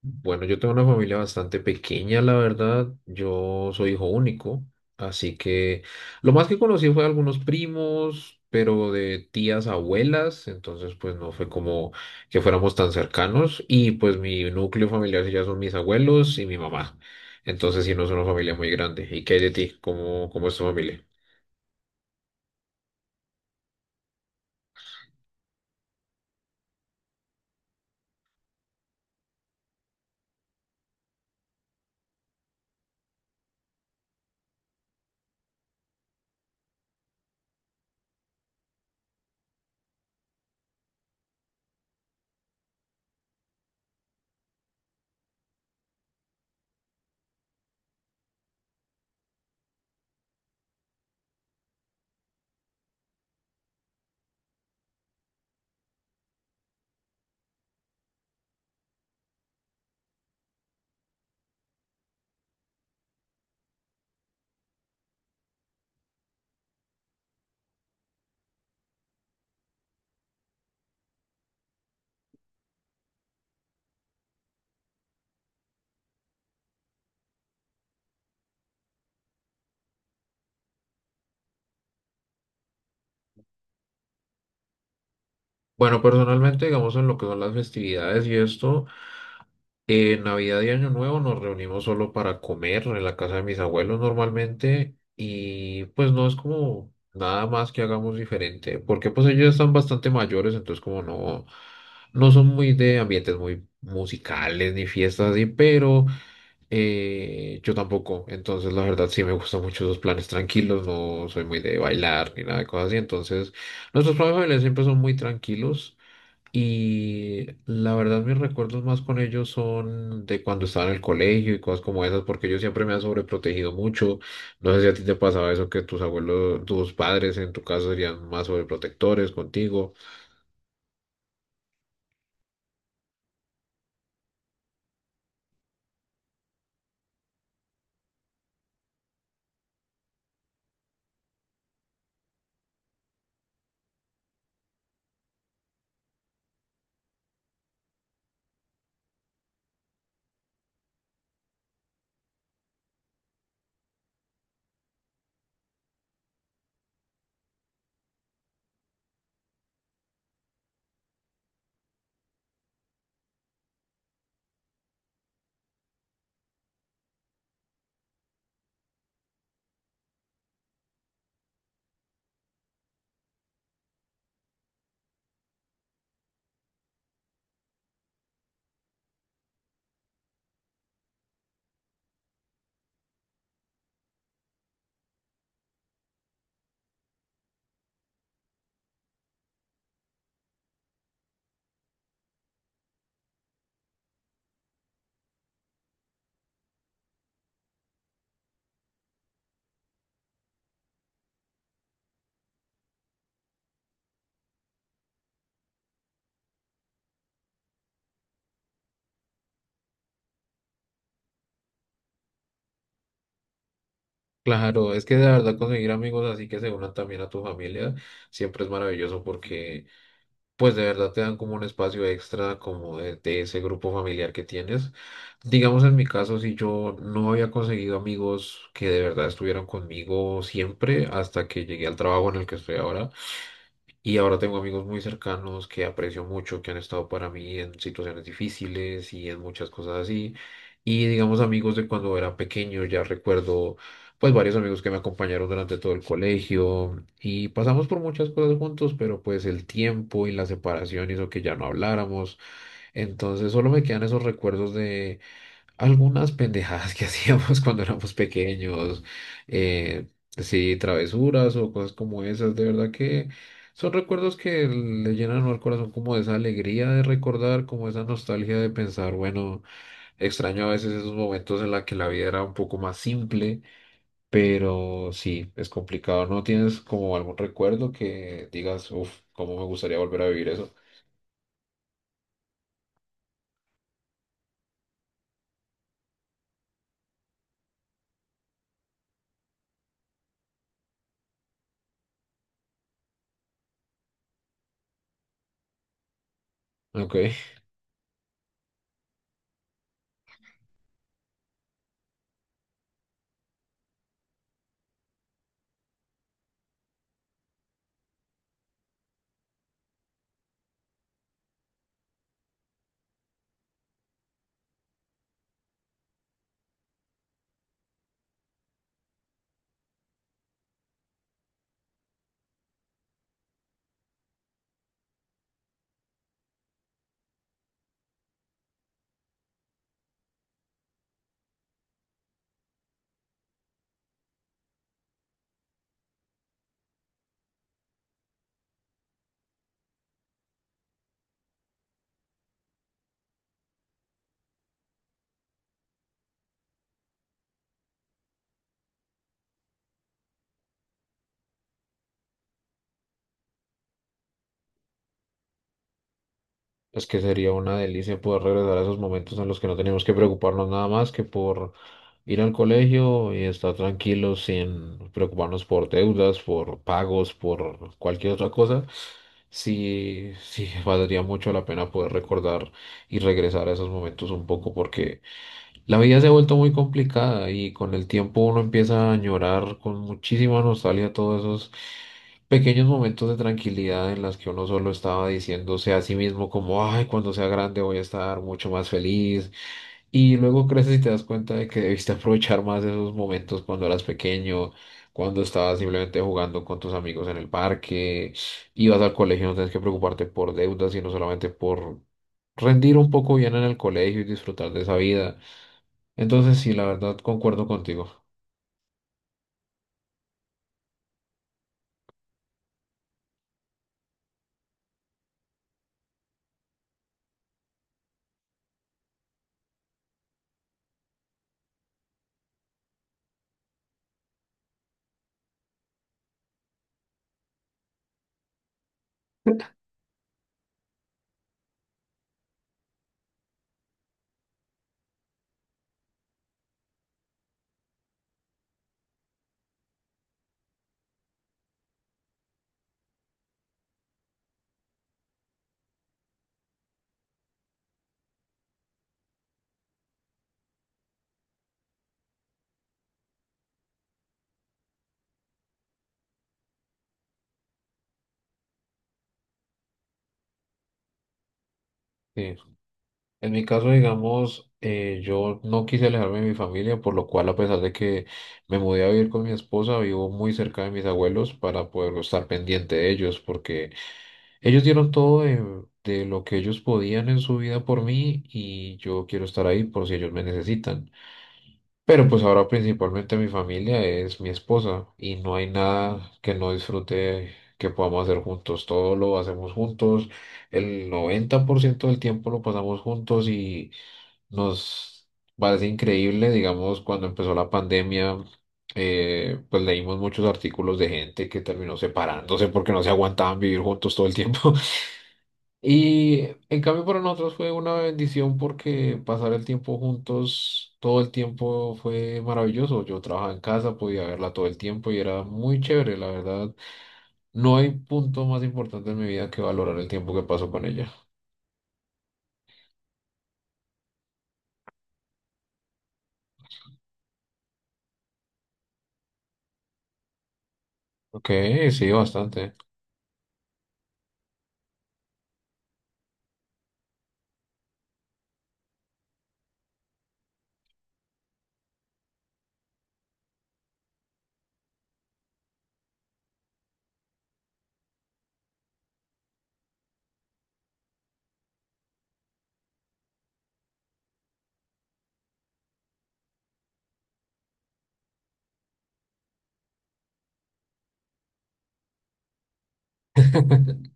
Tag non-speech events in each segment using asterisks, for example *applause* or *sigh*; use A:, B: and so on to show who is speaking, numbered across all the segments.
A: Bueno, yo tengo una familia bastante pequeña, la verdad. Yo soy hijo único, así que lo más que conocí fue algunos primos, pero de tías, abuelas, entonces pues no fue como que fuéramos tan cercanos. Y pues mi núcleo familiar sí ya son mis abuelos y mi mamá. Entonces sí no es una familia muy grande. ¿Y qué hay de ti? ¿Cómo es tu familia? Bueno, personalmente, digamos, en lo que son las festividades y esto. Navidad y Año Nuevo nos reunimos solo para comer en la casa de mis abuelos normalmente y pues no es como nada más que hagamos diferente, porque pues ellos están bastante mayores, entonces como no, no son muy de ambientes muy musicales ni fiestas así, pero yo tampoco, entonces la verdad sí me gustan mucho esos planes tranquilos, no soy muy de bailar ni nada de cosas así, entonces nuestros planes familiares siempre son muy tranquilos. Y la verdad, mis recuerdos más con ellos son de cuando estaba en el colegio y cosas como esas, porque ellos siempre me han sobreprotegido mucho. No sé si a ti te pasaba eso, que tus abuelos, tus padres en tu caso serían más sobreprotectores contigo. Claro, es que de verdad conseguir amigos así que se unan también a tu familia siempre es maravilloso porque pues de verdad te dan como un espacio extra como de ese grupo familiar que tienes. Digamos en mi caso, si yo no había conseguido amigos que de verdad estuvieran conmigo siempre hasta que llegué al trabajo en el que estoy ahora, y ahora tengo amigos muy cercanos que aprecio mucho, que han estado para mí en situaciones difíciles y en muchas cosas así. Y digamos amigos de cuando era pequeño, ya recuerdo pues varios amigos que me acompañaron durante todo el colegio y pasamos por muchas cosas juntos, pero pues el tiempo y la separación hizo que ya no habláramos. Entonces solo me quedan esos recuerdos de algunas pendejadas que *laughs* hacíamos cuando éramos pequeños, sí, travesuras o cosas como esas, de verdad que son recuerdos que le llenan al corazón como esa alegría de recordar, como esa nostalgia de pensar, bueno, extraño a veces esos momentos en los que la vida era un poco más simple, pero sí, es complicado, ¿no tienes como algún recuerdo que digas, uff, cómo me gustaría volver a vivir eso? Ok. Es que sería una delicia poder regresar a esos momentos en los que no teníamos que preocuparnos nada más que por ir al colegio y estar tranquilos sin preocuparnos por deudas, por pagos, por cualquier otra cosa. Sí, sí, *laughs* valdría mucho la pena poder recordar y regresar a esos momentos un poco porque la vida se ha vuelto muy complicada y con el tiempo uno empieza a añorar con muchísima nostalgia todos esos pequeños momentos de tranquilidad en las que uno solo estaba diciéndose a sí mismo como, ay, cuando sea grande voy a estar mucho más feliz. Y luego creces y te das cuenta de que debiste *laughs* aprovechar más esos momentos cuando eras pequeño, cuando estabas simplemente jugando con tus amigos en el parque, ibas al colegio, no tenías que preocuparte por deudas, sino solamente por rendir un poco bien en el colegio y disfrutar de esa vida. Entonces, sí, la verdad, concuerdo contigo. Sí. En mi caso, digamos, yo no quise alejarme de mi familia, por lo cual, a pesar de que me mudé a vivir con mi esposa, vivo muy cerca de mis abuelos para poder estar pendiente de ellos, porque ellos dieron todo de lo que ellos podían en su vida por mí y yo quiero estar ahí por si ellos me necesitan. Pero pues ahora principalmente mi familia es mi esposa y no hay nada que no disfrute que podamos hacer juntos. Todo lo hacemos juntos. El 90% del tiempo lo pasamos juntos y nos parece increíble, digamos, cuando empezó la pandemia. Pues leímos muchos artículos de gente que terminó separándose porque no se aguantaban vivir juntos todo el tiempo. Y en cambio para nosotros fue una bendición porque pasar el tiempo juntos todo el tiempo fue maravilloso. Yo trabajaba en casa, podía verla todo el tiempo y era muy chévere, la verdad. No hay punto más importante en mi vida que valorar el tiempo que paso con ella. Ok, sí, bastante. *laughs*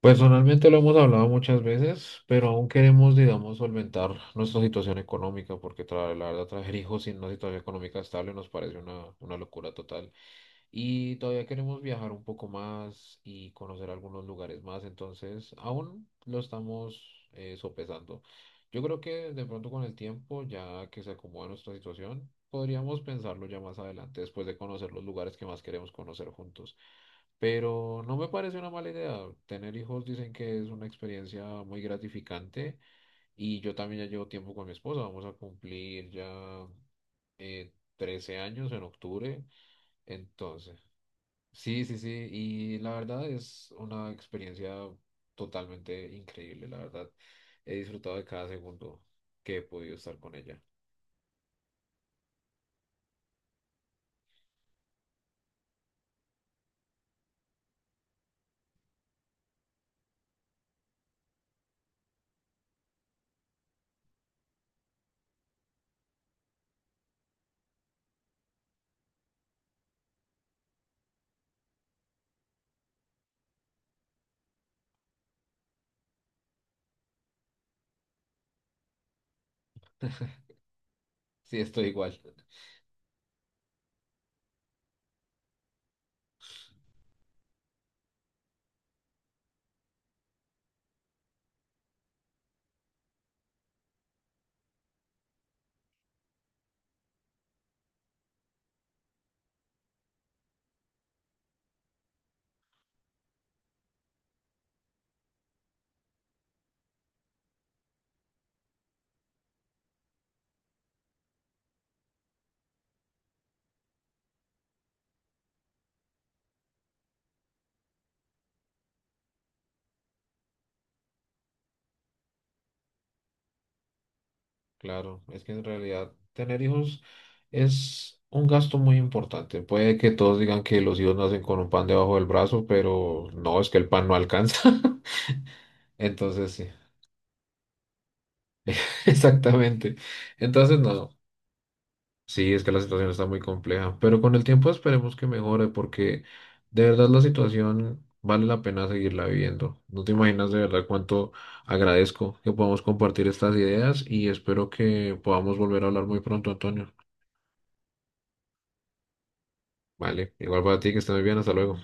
A: Personalmente lo hemos hablado muchas veces, pero aún queremos, digamos, solventar nuestra situación económica, porque la verdad traer hijos sin una situación económica estable nos parece una locura total. Y todavía queremos viajar un poco más y conocer algunos lugares más, entonces aún lo estamos sopesando. Yo creo que de pronto con el tiempo, ya que se acomoda nuestra situación, podríamos pensarlo ya más adelante, después de conocer los lugares que más queremos conocer juntos. Pero no me parece una mala idea. Tener hijos dicen que es una experiencia muy gratificante y yo también ya llevo tiempo con mi esposa. Vamos a cumplir ya 13 años en octubre. Entonces, sí, sí, sí, y la verdad es una experiencia totalmente increíble, la verdad. He disfrutado de cada segundo que he podido estar con ella. Sí, estoy igual. Claro, es que en realidad tener hijos es un gasto muy importante. Puede que todos digan que los hijos nacen con un pan debajo del brazo, pero no, es que el pan no alcanza. *laughs* Entonces, sí, *laughs* exactamente. Entonces, no. Sí, es que la situación está muy compleja, pero con el tiempo esperemos que mejore porque de verdad la situación vale la pena seguirla viviendo. No te imaginas de verdad cuánto agradezco que podamos compartir estas ideas y espero que podamos volver a hablar muy pronto, Antonio. Vale, igual para ti, que estés muy bien, hasta luego.